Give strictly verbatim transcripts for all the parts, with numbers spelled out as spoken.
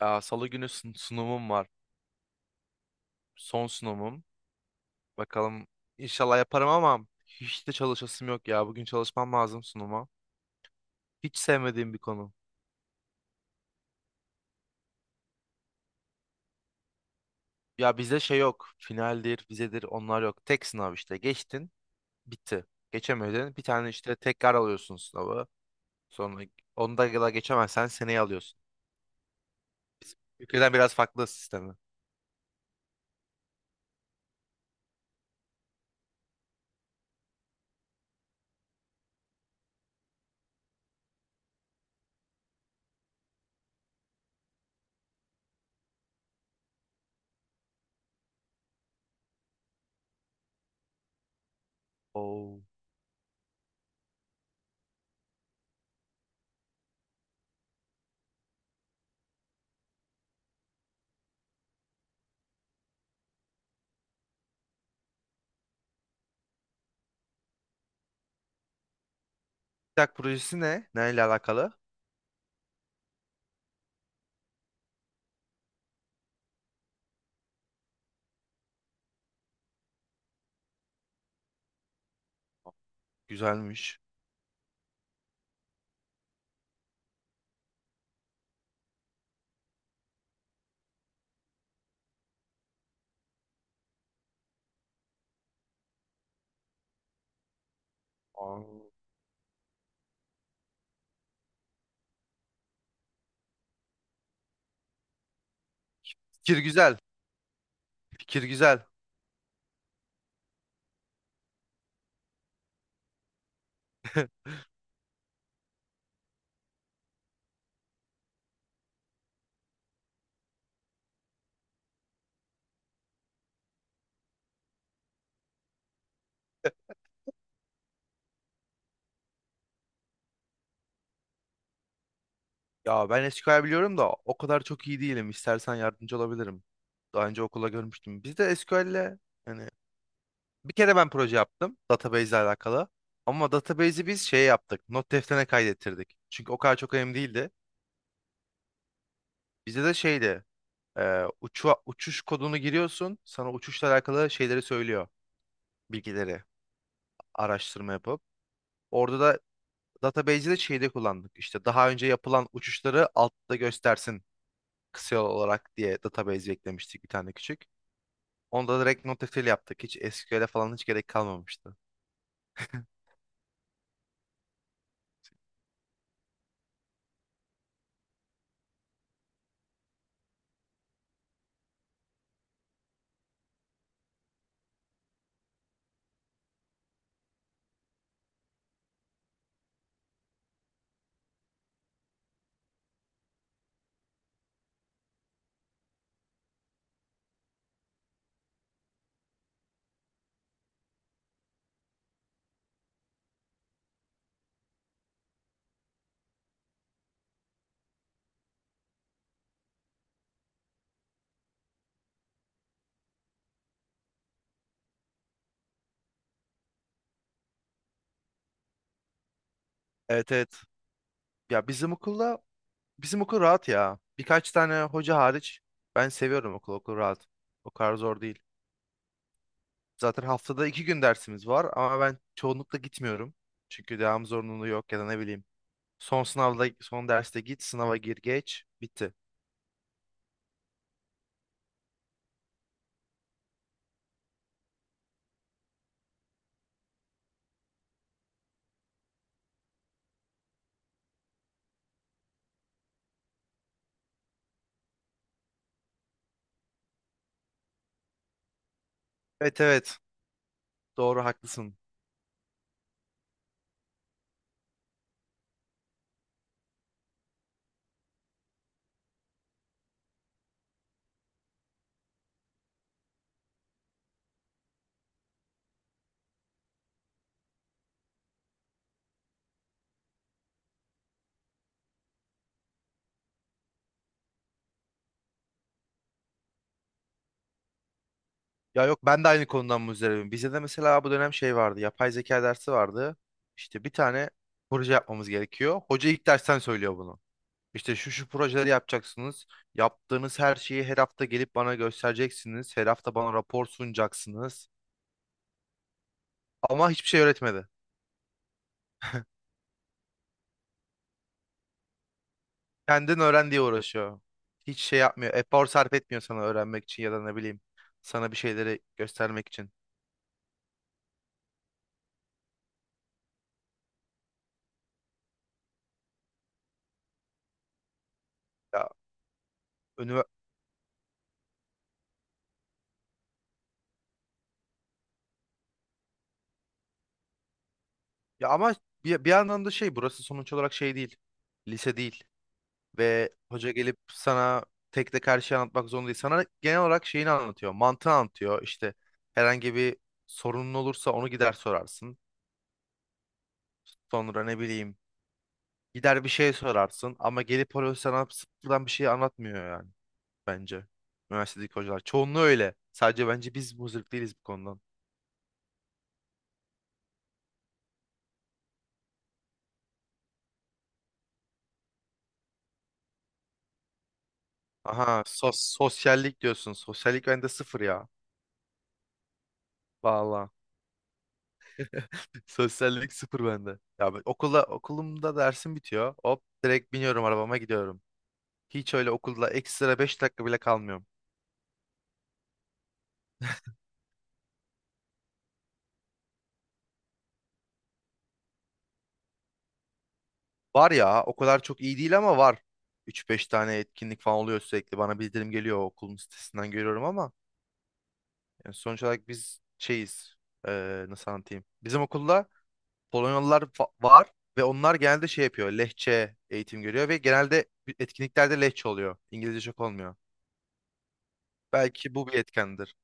Aa, Salı günü sun- sunumum var. Son sunumum. Bakalım, inşallah yaparım ama hiç de çalışasım yok ya. Bugün çalışmam lazım sunuma. Hiç sevmediğim bir konu. Ya bizde şey yok. Finaldir, vizedir onlar yok. Tek sınav işte. Geçtin, bitti. Geçemedin. Bir tane işte tekrar alıyorsun sınavı. Sonra onu da da geçemezsen seneye alıyorsun. Bizim ülkeden biraz farklı sistemi. Oo. TikTok projesi ne? Neyle alakalı? Güzelmiş. Aa. Fikir güzel. Fikir güzel. Ya ben S Q L biliyorum da o kadar çok iyi değilim. İstersen yardımcı olabilirim. Daha önce okula görmüştüm. Biz de S Q L'le, yani bir kere ben proje yaptım database ile alakalı. Ama database'i biz şey yaptık. Not defterine kaydettirdik. Çünkü o kadar çok önemli değildi. Bizde de şeydi. E, uçu- uçuş kodunu giriyorsun. Sana uçuşla alakalı şeyleri söylüyor. Bilgileri. Araştırma yapıp. Orada da database'i de şeyde kullandık. İşte daha önce yapılan uçuşları altta göstersin, kısa yol olarak diye database eklemiştik bir tane küçük. Onda direkt NoSQL yaptık. Hiç S Q L'e falan hiç gerek kalmamıştı. Evet, evet. Ya bizim okulda, bizim okul rahat ya. Birkaç tane hoca hariç ben seviyorum okul. Okul rahat. O kadar zor değil. Zaten haftada iki gün dersimiz var ama ben çoğunlukla gitmiyorum. Çünkü devam zorunluluğu yok ya da ne bileyim. Son sınavda son derste git, sınava gir, geç. Bitti. Evet, evet. Doğru, haklısın. Ya yok, ben de aynı konudan muzdaribim. Bize de mesela bu dönem şey vardı. Yapay zeka dersi vardı. İşte bir tane proje yapmamız gerekiyor. Hoca ilk dersten söylüyor bunu. İşte şu şu projeleri yapacaksınız. Yaptığınız her şeyi her hafta gelip bana göstereceksiniz. Her hafta bana rapor sunacaksınız. Ama hiçbir şey öğretmedi. Kendin öğren diye uğraşıyor. Hiç şey yapmıyor. Efor sarf etmiyor sana öğrenmek için ya da ne bileyim sana bir şeyleri göstermek için. Ya önüme... Ya ama bir, bir yandan da şey, burası sonuç olarak şey değil. Lise değil. Ve hoca gelip sana tek tek her şeyi anlatmak zorunda değil. Sana genel olarak şeyini anlatıyor, mantığı anlatıyor. İşte herhangi bir sorunun olursa onu gider sorarsın. Sonra ne bileyim, gider bir şey sorarsın ama gelip hoca sana sıfırdan bir şey anlatmıyor yani, bence. Üniversitedeki hocalar. Çoğunluğu öyle. Sadece bence biz muzdarip değiliz bu konudan. Aha, sos sosyallik diyorsun. Sosyallik bende sıfır ya. Valla. Sosyallik sıfır bende. Ya ben okula, okulumda dersim bitiyor. Hop direkt biniyorum arabama, gidiyorum. Hiç öyle okulda ekstra beş dakika bile kalmıyorum. Var ya, o kadar çok iyi değil ama var. Üç beş tane etkinlik falan oluyor sürekli. Bana bildirim geliyor, o okulun sitesinden görüyorum ama yani sonuç olarak biz şeyiz. eee, nasıl anlatayım? Bizim okulda Polonyalılar fa- var ve onlar genelde şey yapıyor. Lehçe eğitim görüyor ve genelde etkinliklerde Lehçe oluyor. İngilizce çok olmuyor. Belki bu bir etkendir.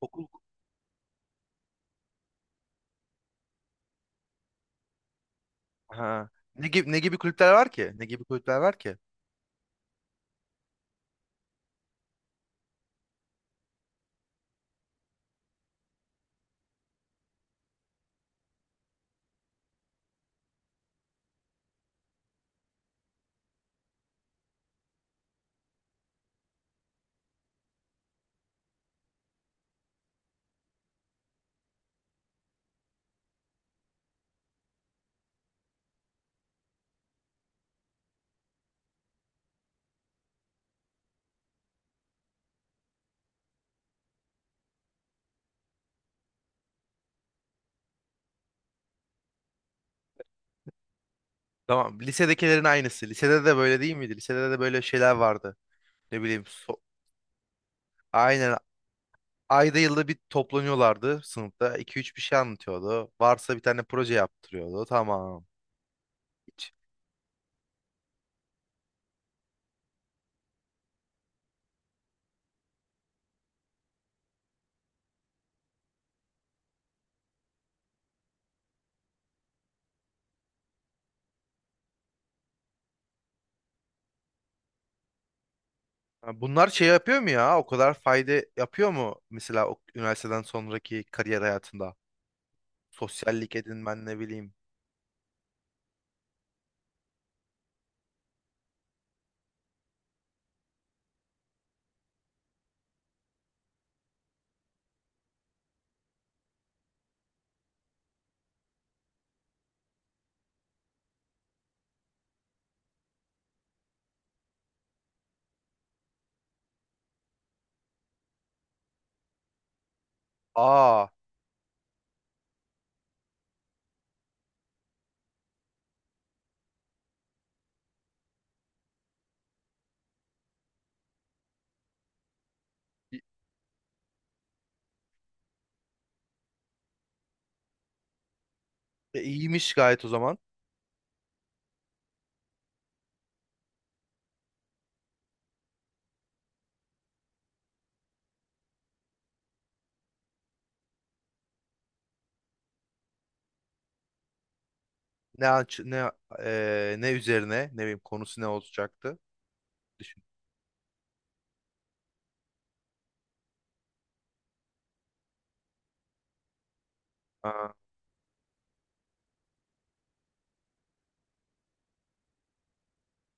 Okul, ha. Ne gibi ne gibi kulüpler var ki? Ne gibi kulüpler var ki? Tamam. Lisedekilerin aynısı. Lisede de böyle değil miydi? Lisede de böyle şeyler vardı. Ne bileyim. so- Aynen. Ayda yılda bir toplanıyorlardı sınıfta. iki üç bir şey anlatıyordu. Varsa bir tane proje yaptırıyordu. Tamam. Hiç. Ha, bunlar şey yapıyor mu ya? O kadar fayda yapıyor mu? Mesela o üniversiteden sonraki kariyer hayatında. Sosyallik edinmen ne bileyim. Aa, e, iyiymiş gayet o zaman. Ne aç- ne e, ne üzerine ne bileyim, konusu ne olacaktı? Düşün. Aa,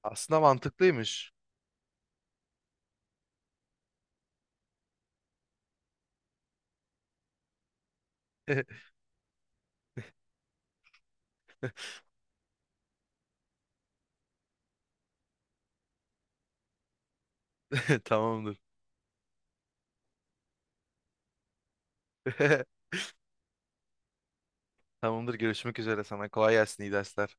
aslında mantıklıymış. Tamamdır. Tamamdır. Görüşmek üzere sana. Kolay gelsin. İyi dersler.